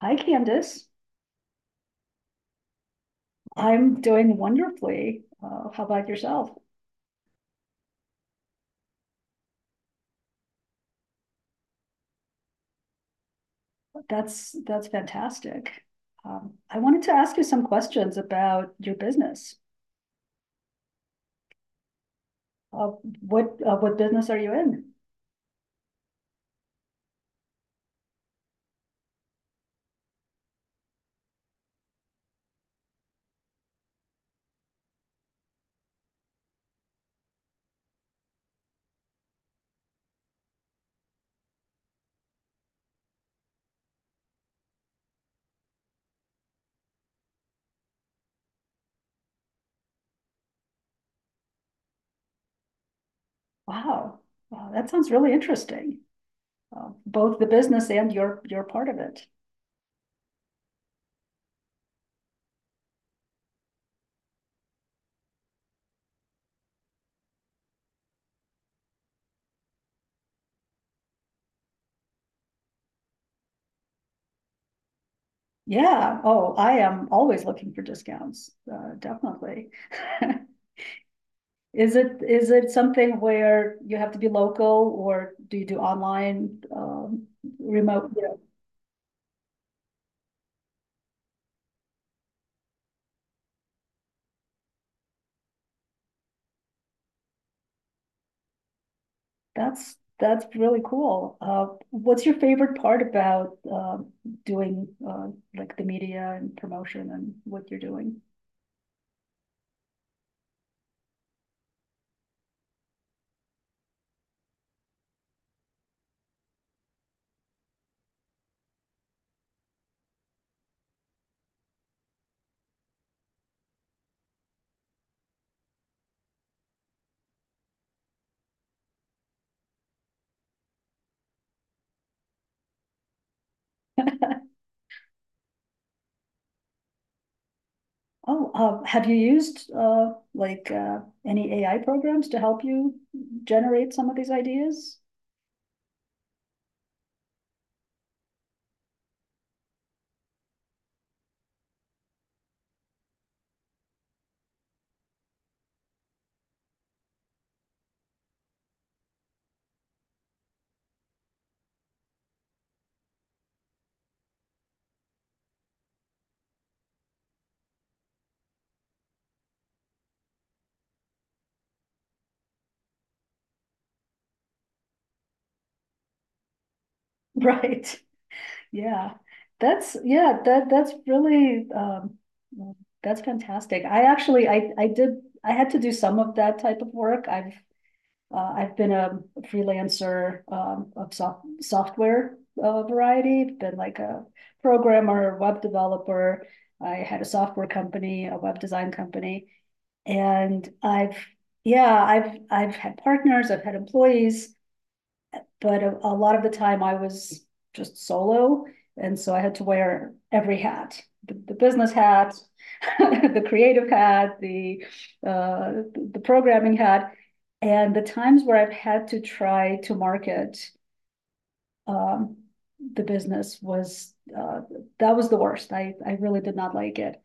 Hi, Candice. I'm doing wonderfully. How about yourself? That's fantastic. I wanted to ask you some questions about your business. Uh, what business are you in? Wow, wow, that sounds really interesting. Both the business and your part of it. Yeah. Oh, I am always looking for discounts. Definitely. Is it something where you have to be local, or do you do online, remote? That's really cool. What's your favorite part about doing like the media and promotion and what you're doing? Oh, have you used like any AI programs to help you generate some of these ideas? Right. Yeah. That's Yeah. That's really that's fantastic. I actually I did I had to do some of that type of work. I've been a freelancer of software variety. I've been like a programmer, web developer. I had a software company, a web design company, and I've yeah, I've had partners, I've had employees, but a lot of the time I was just solo. And so I had to wear every hat, the business hat, the creative hat, the programming hat. And the times where I've had to try to market um, the business, was that was the worst. I really did not like it.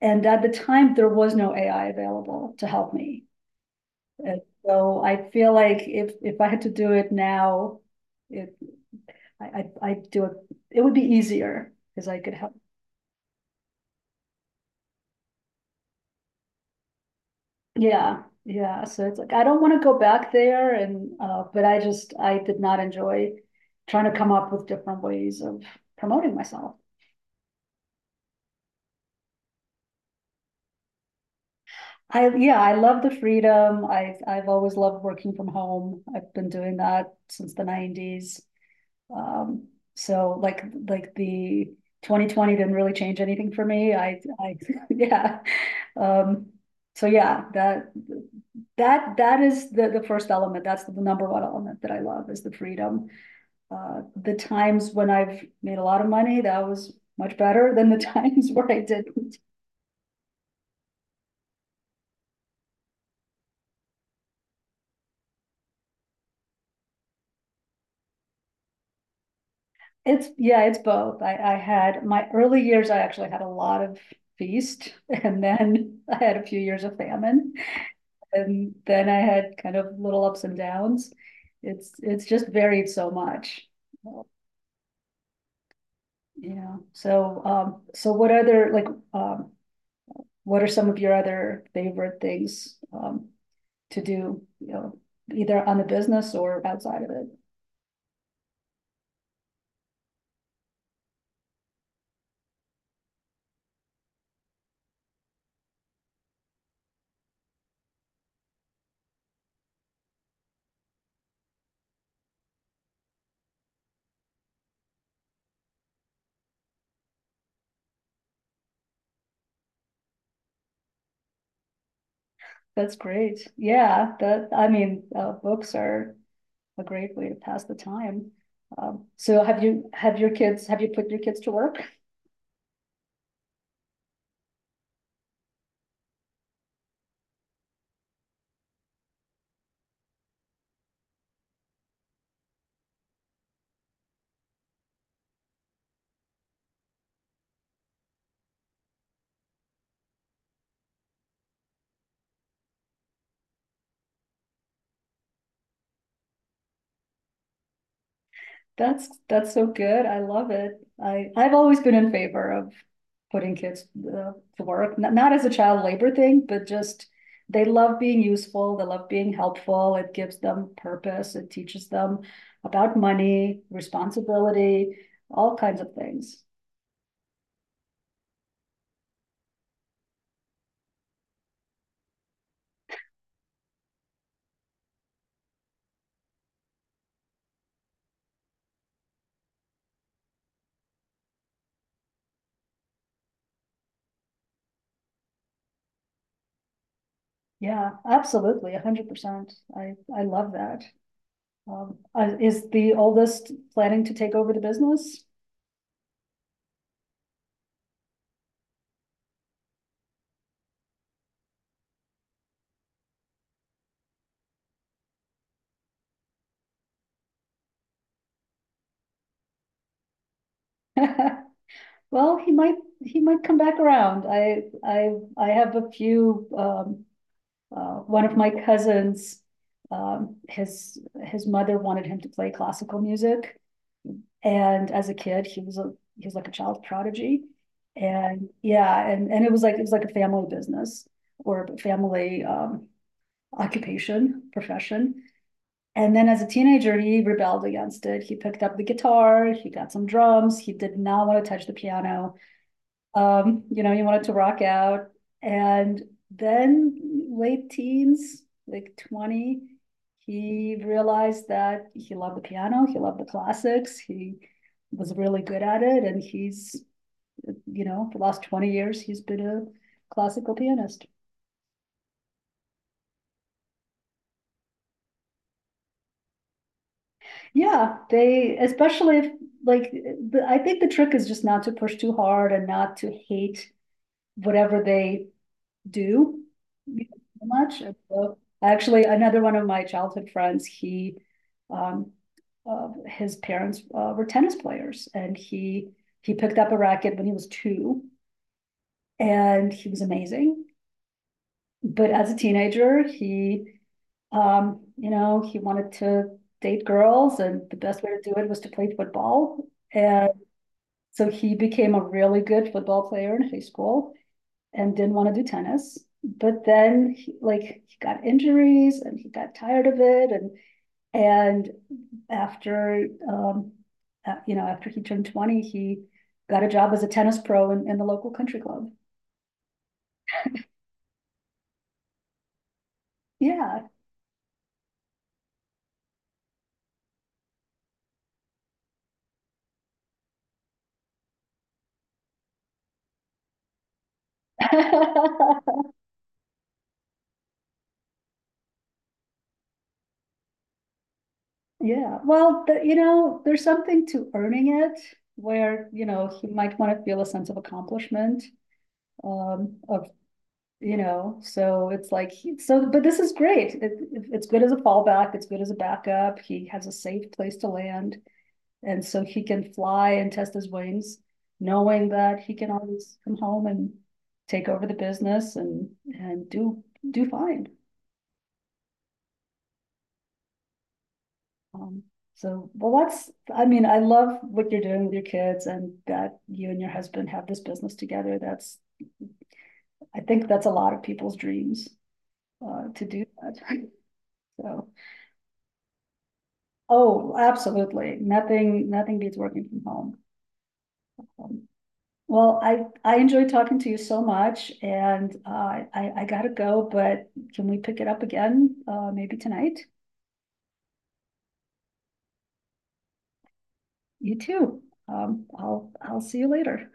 And at the time, there was no AI available to help me. And so I feel like if I had to do it now, it I do it, it would be easier because I could help. Yeah, yeah. So it's like, I don't want to go back there and, but I just, I did not enjoy trying to come up with different ways of promoting myself. Yeah, I love the freedom. I've always loved working from home. I've been doing that since the 90s. Um, so like, the 2020't really change anything for me. Yeah. Um, so yeah, that is the first element. That's the number one element that I love is the freedom. The times when I've made a lot of money, that was much better than the times where I didn't. Yeah, it's both. I had my early years, I actually had a lot of feast, and then I had a few years of famine. And then I had kind of little ups and downs. It's just varied so much, you so what other like um, what are some of your other favorite things to do, either on the business or outside of it? That's great. Yeah, that I mean, books are a great way to pass the time. So have you put your kids to work? That's so good. I love it. I've always been in favor of putting kids to work, not as a child labor thing, but just they love being useful. They love being helpful. It gives them purpose. It teaches them about money, responsibility, all kinds of things. Yeah, absolutely, 100%. I love that. Is the oldest planning to take over the business? Well, he might come back around. I have a few, one of my cousins. His mother wanted him to play classical music. And as a kid, he was like a child prodigy. And yeah, and it was like a family business or a family, occupation, profession. And then as a teenager, he rebelled against it. He picked up the guitar, he got some drums, he did not want to touch the piano. You wanted to rock out. And then late teens, like 20, he realized that he loved the piano, he loved the classics, he was really good at it. And he's, for the last 20 years, he's been a classical pianist. Yeah, especially if, like, I think the trick is just not to push too hard and not to hate whatever they do so much. So, actually, another one of my childhood friends, um, his parents were tennis players, and he picked up a racket when he was two, and he was amazing. But as a teenager, he wanted to date girls, and the best way to do it was to play football. And so he became a really good football player in high school and didn't want to do tennis. But then like he got injuries and he got tired of it, and after he turned 20, he got a job as a tennis pro in the local country club. Yeah. Yeah. Well, there's something to earning it where, he might want to feel a sense of accomplishment. Of You know, so it's like, But this is great. It's good as a fallback. It's good as a backup. He has a safe place to land. And so he can fly and test his wings, knowing that he can always come home and take over the business and, do fine. Um, well, I mean, I love what you're doing with your kids and that you and your husband have this business together. That's, I think that's a lot of people's dreams, to do that. So, Oh, absolutely. Nothing, nothing beats working from home. Um, Well, I enjoyed talking to you so much and I gotta go, but can we pick it up again? Maybe tonight? You too. I'll see you later.